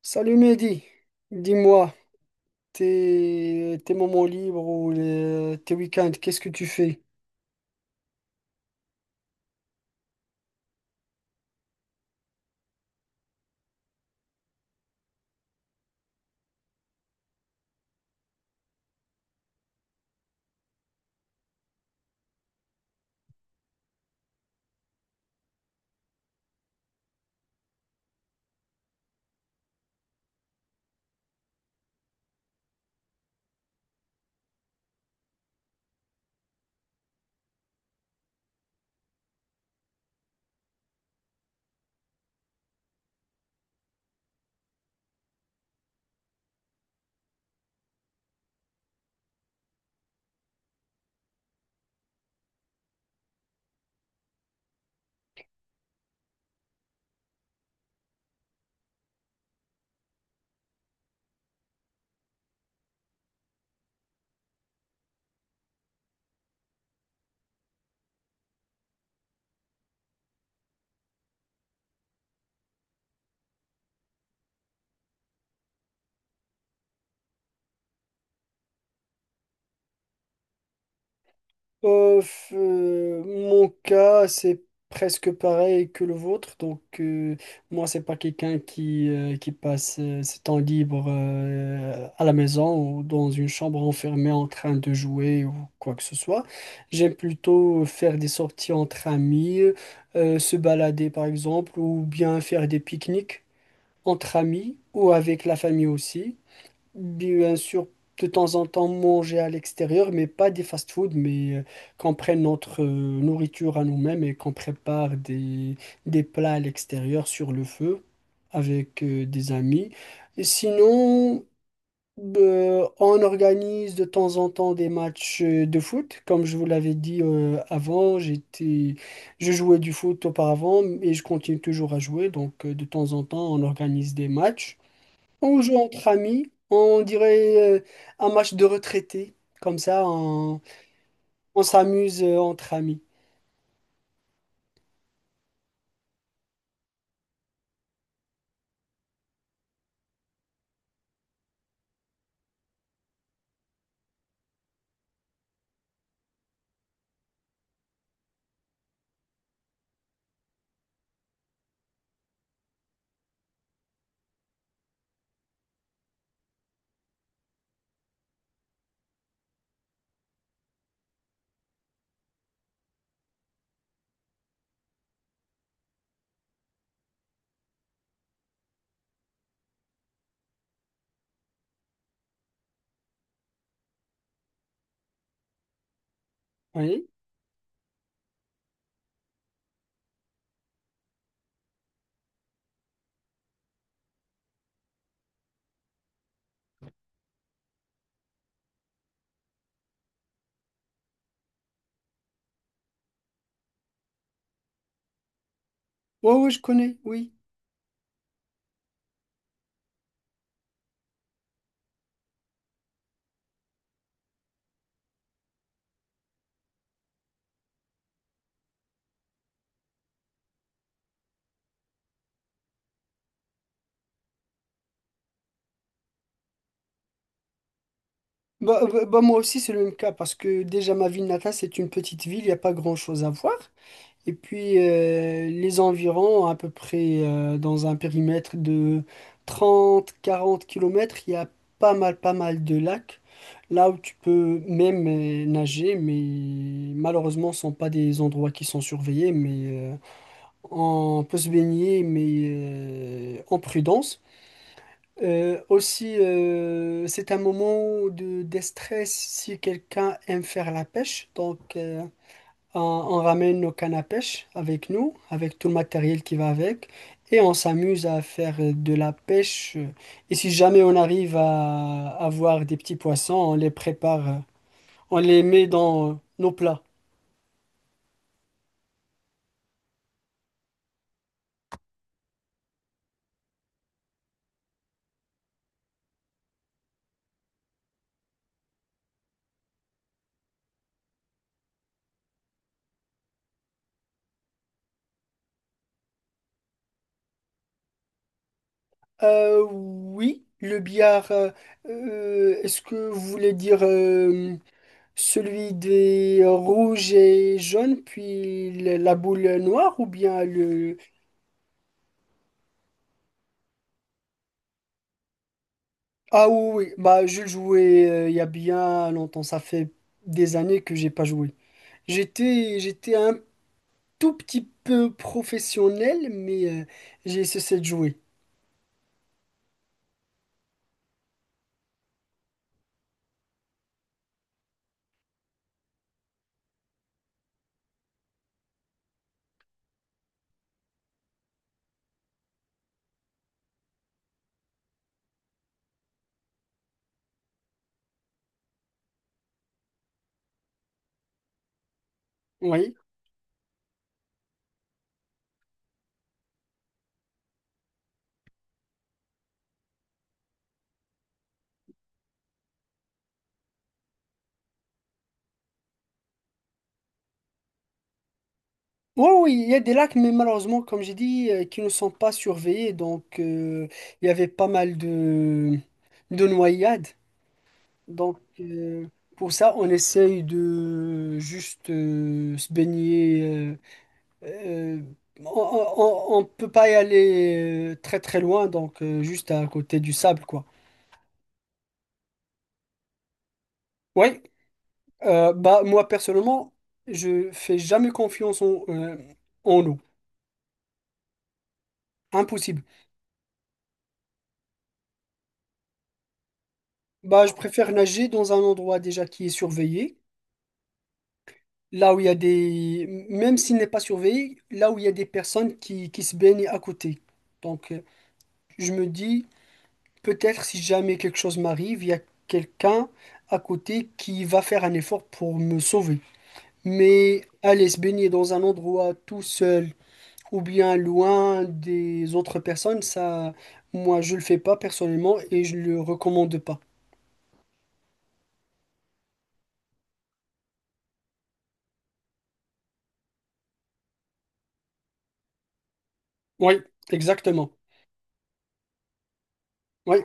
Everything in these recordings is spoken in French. Salut Mehdi, dis-moi, tes moments libres ou tes week-ends, qu'est-ce que tu fais? Mon cas, c'est presque pareil que le vôtre. Donc, moi, c'est pas quelqu'un qui passe ses temps libres à la maison ou dans une chambre enfermée en train de jouer ou quoi que ce soit. J'aime plutôt faire des sorties entre amis, se balader par exemple, ou bien faire des pique-niques, entre amis ou avec la famille aussi. Bien sûr, de temps en temps manger à l'extérieur, mais pas des fast-food, mais qu'on prenne notre nourriture à nous-mêmes et qu'on prépare des plats à l'extérieur sur le feu avec des amis. Et sinon, on organise de temps en temps des matchs de foot. Comme je vous l'avais dit avant, je jouais du foot auparavant et je continue toujours à jouer, donc de temps en temps, on organise des matchs, on joue entre amis, on dirait un match de retraités. Comme ça, on s'amuse entre amis. Oui, ouais, ouais, je connais, oui. Bah, moi aussi, c'est le même cas parce que déjà, ma ville natale, c'est une petite ville, il n'y a pas grand-chose à voir. Et puis les environs, à peu près dans un périmètre de 30, 40 kilomètres, il y a pas mal de lacs, là où tu peux même nager, mais malheureusement, ce ne sont pas des endroits qui sont surveillés, mais on peut se baigner, mais en prudence. Aussi, c'est un moment de déstress si quelqu'un aime faire la pêche, donc, on ramène nos cannes à pêche avec nous, avec tout le matériel qui va avec, et on s'amuse à faire de la pêche. Et si jamais on arrive à avoir des petits poissons, on les prépare, on les met dans nos plats. Oui, le billard, est-ce que vous voulez dire celui des rouges et jaunes, puis la boule noire, ou bien le. Ah oui, oui. Bah, je jouais il y a bien longtemps. Ça fait des années que j'ai pas joué. J'étais un tout petit peu professionnel, mais j'ai cessé de jouer. Oui. Oui, oui, il y a des lacs, mais malheureusement, comme j'ai dit, qui ne sont pas surveillés. Donc, il y avait pas mal de noyades. Donc, pour ça, on essaye de juste se baigner. Euh, Euh, on ne peut pas y aller très très loin, donc juste à côté du sable, quoi. Oui, bah, moi personnellement, je fais jamais confiance en eau. Impossible. Bah, je préfère nager dans un endroit déjà qui est surveillé, là où il y a des. Même s'il n'est pas surveillé, là où il y a des personnes qui se baignent à côté. Donc, je me dis, peut-être si jamais quelque chose m'arrive, il y a quelqu'un à côté qui va faire un effort pour me sauver. Mais aller se baigner dans un endroit tout seul ou bien loin des autres personnes, ça, moi, je le fais pas personnellement et je le recommande pas. Oui, exactement. Oui.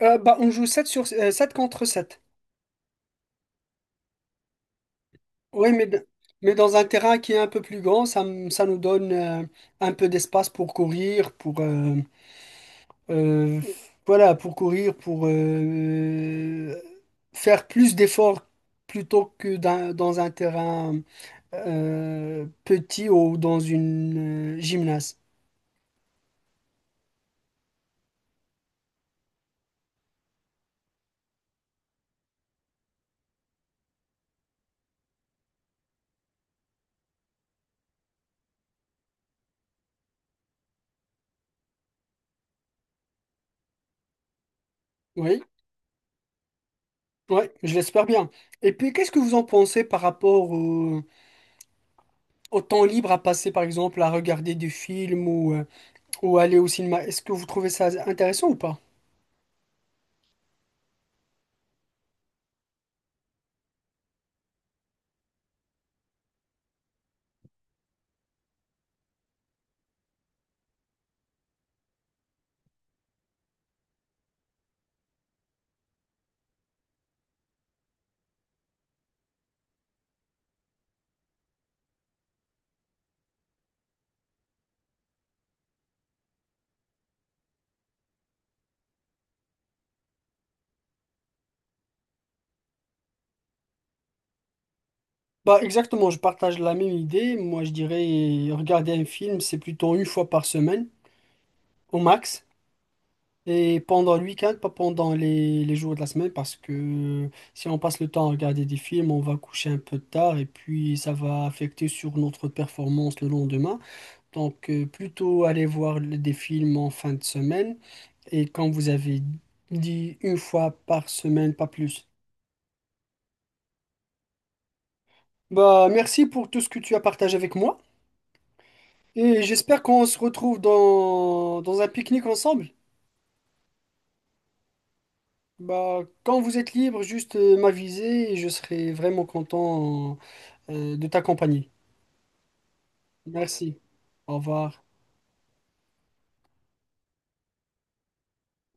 Bah, on joue 7 contre 7. Oui, mais dans un terrain qui est un peu plus grand, ça nous donne un peu d'espace pour courir, euh, voilà, pour courir, pour faire plus d'efforts plutôt que dans, dans, un terrain petit ou dans une gymnase. Oui, ouais, je l'espère bien. Et puis, qu'est-ce que vous en pensez par rapport au temps libre à passer, par exemple, à regarder des films ou aller au cinéma? Est-ce que vous trouvez ça intéressant ou pas? Bah, exactement, je partage la même idée. Moi, je dirais, regarder un film, c'est plutôt une fois par semaine, au max. Et pendant le week-end, pas pendant les jours de la semaine, parce que si on passe le temps à regarder des films, on va coucher un peu tard et puis ça va affecter sur notre performance le lendemain. Donc plutôt aller voir des films en fin de semaine, et quand vous avez dit une fois par semaine, pas plus. Bah merci pour tout ce que tu as partagé avec moi et j'espère qu'on se retrouve dans un pique-nique ensemble. Bah quand vous êtes libre, juste m'aviser et je serai vraiment content. De t'accompagner. Merci. Au revoir.